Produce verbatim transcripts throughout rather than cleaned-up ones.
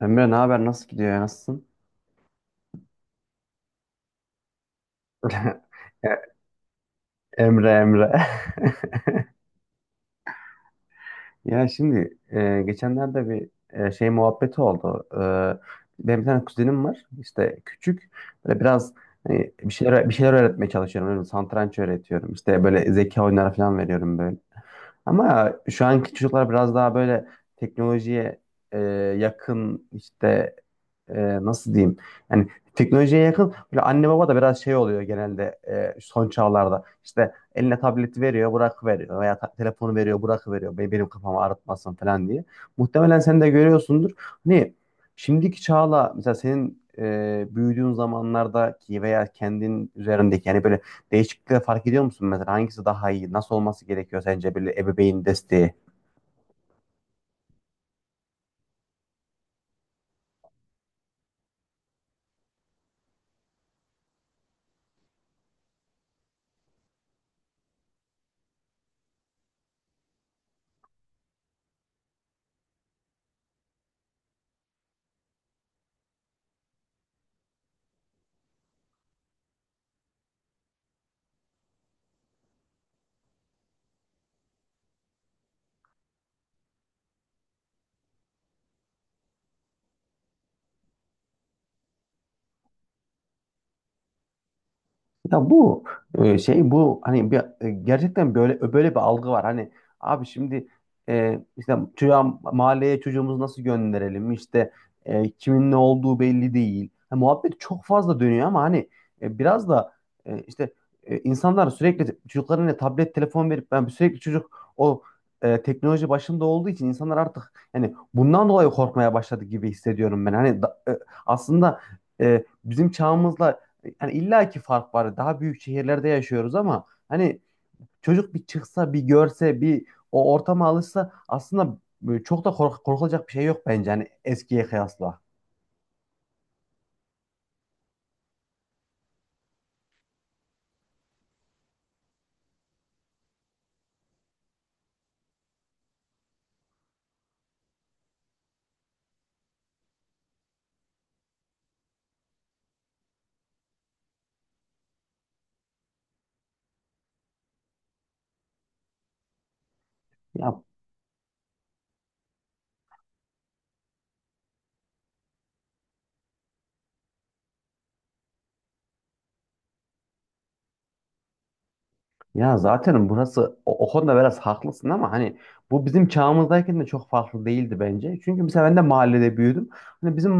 Emre ne haber? Nasıl gidiyor ya? Nasılsın? Ya, Emre Emre. Ya şimdi e, geçenlerde bir e, şey muhabbeti oldu. E, benim bir tane kuzenim var. İşte küçük. Böyle biraz hani bir şeyler bir şeyler öğretmeye çalışıyorum. Öyle satranç öğretiyorum. İşte böyle zeka oyunları falan veriyorum böyle. Ama şu anki çocuklar biraz daha böyle teknolojiye e, yakın işte e, nasıl diyeyim? Yani teknolojiye yakın. Böyle anne baba da biraz şey oluyor genelde e, son çağlarda. İşte eline tableti veriyor, bırak veriyor veya ta- telefonu veriyor, bırak veriyor. Benim kafamı ağrıtmasın falan diye. Muhtemelen sen de görüyorsundur. Hani şimdiki çağla mesela senin e, büyüdüğün zamanlardaki veya kendin üzerindeki yani böyle değişiklikleri fark ediyor musun mesela hangisi daha iyi, nasıl olması gerekiyor sence böyle ebeveyn desteği? Ya bu e, şey bu hani bir, e, gerçekten böyle böyle bir algı var. Hani abi şimdi e, işte çocuğa, mahalleye çocuğumuzu nasıl gönderelim? İşte e, kimin ne olduğu belli değil. Ha, muhabbet çok fazla dönüyor ama hani e, biraz da e, işte e, insanlar sürekli çocuklarına tablet telefon verip ben sürekli çocuk o e, teknoloji başında olduğu için insanlar artık yani bundan dolayı korkmaya başladı gibi hissediyorum ben. Hani da- e, aslında e, bizim çağımızla yani illa ki fark var. Daha büyük şehirlerde yaşıyoruz ama hani çocuk bir çıksa, bir görse, bir o ortama alışsa aslında e, çok da kork- korkulacak bir şey yok bence hani eskiye kıyasla. Ya, ya zaten burası o, o konuda biraz haklısın ama hani bu bizim çağımızdayken de çok farklı değildi bence. Çünkü mesela ben de mahallede büyüdüm. Hani bizim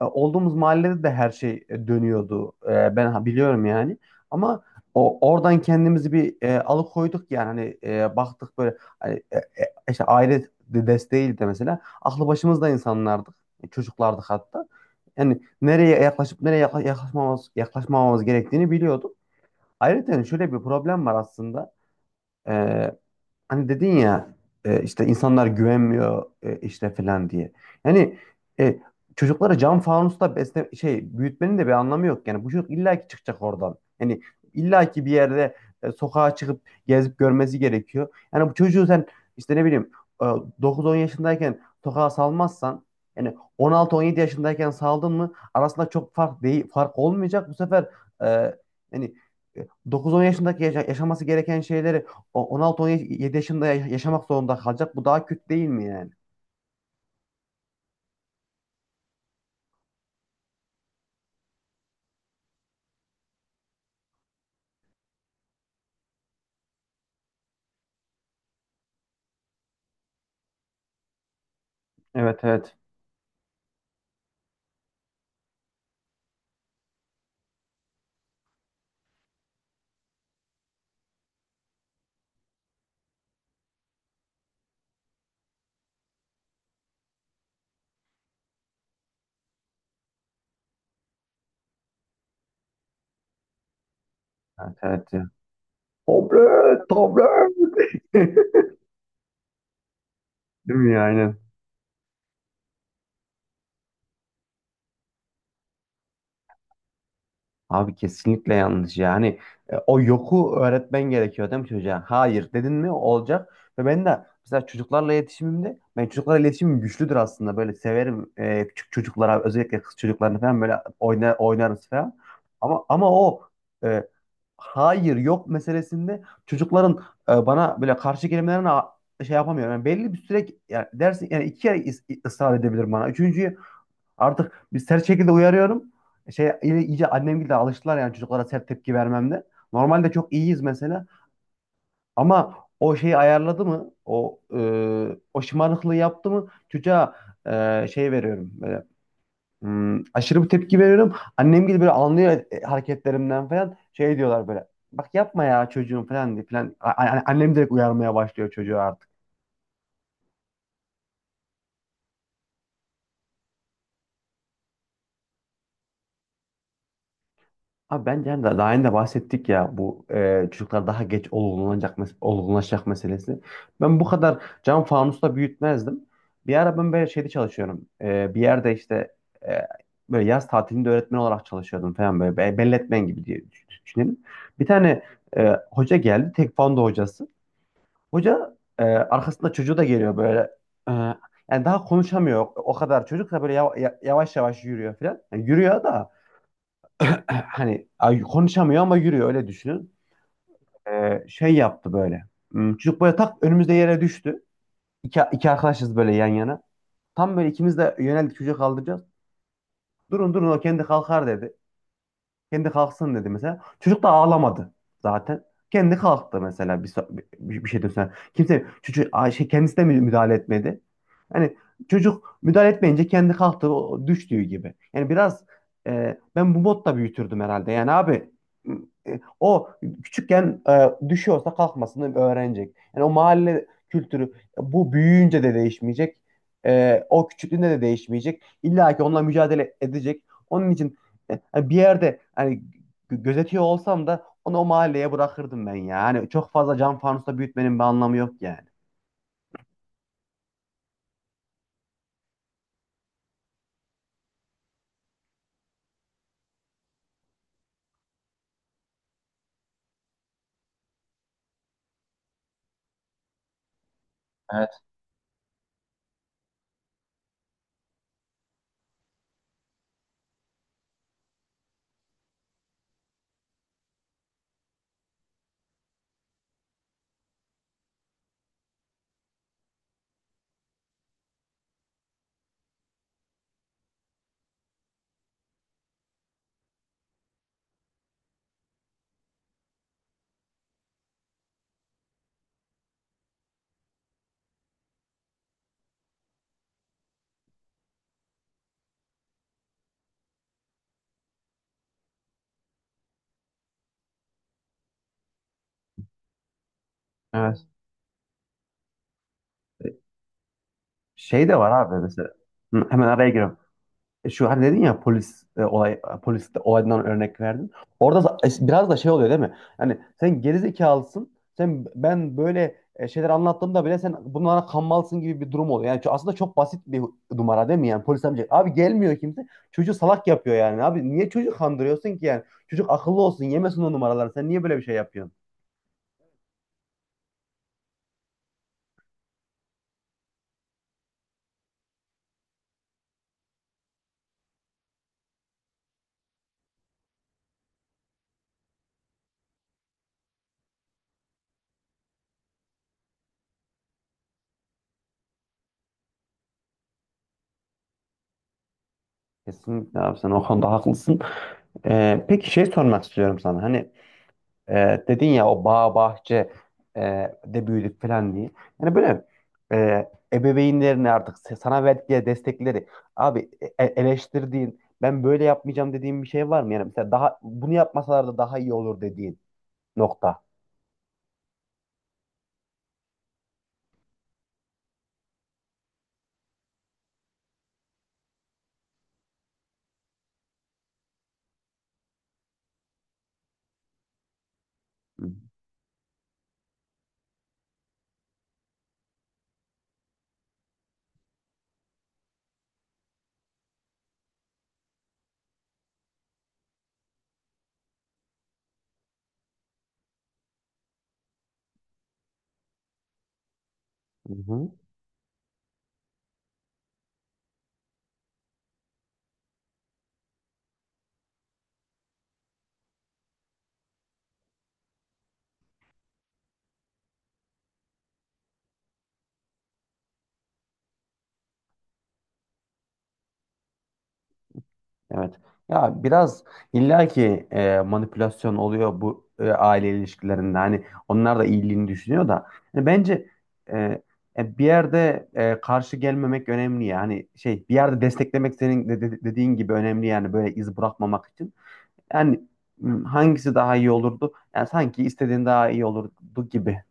e, olduğumuz mahallede de her şey e, dönüyordu. E, ben ha- biliyorum yani. Ama o oradan kendimizi bir e, alıkoyduk yani hani e, baktık böyle hani, e, e, işte aile de- desteğiyle de mesela aklı başımızda insanlardık. E, Çocuklardık hatta. Yani nereye yaklaşıp nereye yakla- yaklaşmamamız, yaklaşmamamız gerektiğini biliyorduk. Ayrıca hani şöyle bir problem var aslında. Ee, Hani dedin ya e, işte insanlar güvenmiyor e, işte falan diye. Yani e, çocukları cam fanusta besle şey büyütmenin de bir anlamı yok. Yani bu çocuk illaki çıkacak oradan. Yani illaki bir yerde e, sokağa çıkıp gezip görmesi gerekiyor. Yani bu çocuğu sen işte ne bileyim e, dokuz on yaşındayken sokağa salmazsan yani on altı on yedi yaşındayken saldın mı arasında çok fark değil, fark olmayacak. Bu sefer e, yani e, dokuz on yaşındaki yaşa- yaşaması gereken şeyleri o on altı on yedi yaşında ya- yaşamak zorunda kalacak. Bu daha kötü değil mi yani? Evet, evet. Evet, evet ya. Tablet, tablet. Değil mi ya, aynen. Abi kesinlikle yanlış yani. E, O yoku öğretmen gerekiyor değil mi çocuğa? Hayır dedin mi olacak. Ve ben de mesela çocuklarla iletişimimde ben çocuklarla iletişimim güçlüdür aslında. Böyle severim e, küçük çocuklara özellikle kız çocuklarını falan böyle oynar, oynarız falan. Ama ama o e, hayır yok meselesinde çocukların e, bana böyle karşı kelimelerine a- şey yapamıyorum. Yani belli bir süre yani dersin yani iki kere is- ısrar edebilirim bana. Üçüncüyü artık bir sert şekilde uyarıyorum. Şey iyice iyice annem gibi de alıştılar yani çocuklara sert tepki vermemde. Normalde çok iyiyiz mesela, ama o şeyi ayarladı mı? O e, o şımarıklığı yaptı mı? Çocuğa e, şey veriyorum. Hmm, aşırı bir tepki veriyorum. Annem gibi böyle anlıyor e, hareketlerimden falan. Şey diyorlar böyle. Bak yapma ya çocuğum falan diye falan. A- a- hani annem direkt uyarmaya başlıyor çocuğu artık. Abi bence hani daha daha önce de bahsettik ya bu e, çocuklar daha geç olgunlanacak, mes- olgunlaşacak meselesi. Ben bu kadar cam fanusta büyütmezdim. Bir ara ben böyle şeyde çalışıyorum. E, bir yerde işte e, böyle yaz tatilinde öğretmen olarak çalışıyordum falan böyle. Be- Belletmen gibi diye düş- düşünelim. Bir tane e, hoca geldi. Tekvando hocası. Hoca e, arkasında çocuğu da geliyor böyle. E, Yani daha konuşamıyor o kadar. Çocuk da böyle yav- ya- yavaş yavaş yürüyor falan. Yani yürüyor da hani ay, konuşamıyor ama yürüyor öyle düşünün. E, şey yaptı böyle. Hmm, çocuk böyle tak önümüzde yere düştü. İki, iki arkadaşız böyle yan yana. Tam böyle ikimiz de yöneldik çocuğu kaldıracağız. Durun durun o kendi kalkar dedi. Kendi kalksın dedi mesela. Çocuk da ağlamadı zaten. Kendi kalktı mesela bir, so- bir, bir şeyden sonra. Kimse çocuk a- şey, kendisi de mü- müdahale etmedi. Yani çocuk müdahale etmeyince kendi kalktı o düştüğü gibi. Yani biraz e, ben bu modda büyütürdüm herhalde. Yani abi e, o küçükken e, düşüyorsa kalkmasını öğrenecek. Yani o mahalle kültürü bu büyüyünce de değişmeyecek. E, o küçüklüğünde de değişmeyecek. İlla ki onunla mücadele edecek. Onun için e, hani bir yerde hani gö- gözetiyor olsam da onu o mahalleye bırakırdım ben ya. Hani çok fazla cam fanusta büyütmenin bir anlamı yok yani. Evet. E, Şey de var abi mesela. Hı, hemen araya giriyorum. E, Şu hani dedin ya polis e, olay polis de olaydan örnek verdin. Orada da- e, biraz da şey oluyor değil mi? Hani sen gerizekalısın. Sen ben böyle e, şeyler anlattığımda bile sen bunlara kanmalısın gibi bir durum oluyor. Yani ço- aslında çok basit bir numara değil mi? Yani polis amca abi gelmiyor kimse. Çocuğu salak yapıyor yani. Abi niye çocuğu kandırıyorsun ki yani? Çocuk akıllı olsun, yemesin o numaraları. Sen niye böyle bir şey yapıyorsun? Kesinlikle abi sen o konuda haklısın. E, peki şey sormak istiyorum sana. Hani E, dedin ya o bağ bahçe e, de büyüdük falan diye. Yani böyle e, ebeveynlerin artık se- sana verdikleri destekleri abi e- e, eleştirdiğin ben böyle yapmayacağım dediğin bir şey var mı? Yani mesela daha bunu yapmasalar da daha iyi olur dediğin nokta. Hı hı. Evet. Ya biraz illaki e, manipülasyon oluyor bu e, aile ilişkilerinde. Hani onlar da iyiliğini düşünüyor da. Yani bence e, e, bir yerde e, karşı gelmemek önemli yani şey bir yerde desteklemek senin de- de- dediğin gibi önemli yani böyle iz bırakmamak için. Yani m, hangisi daha iyi olurdu? Yani sanki istediğin daha iyi olurdu gibi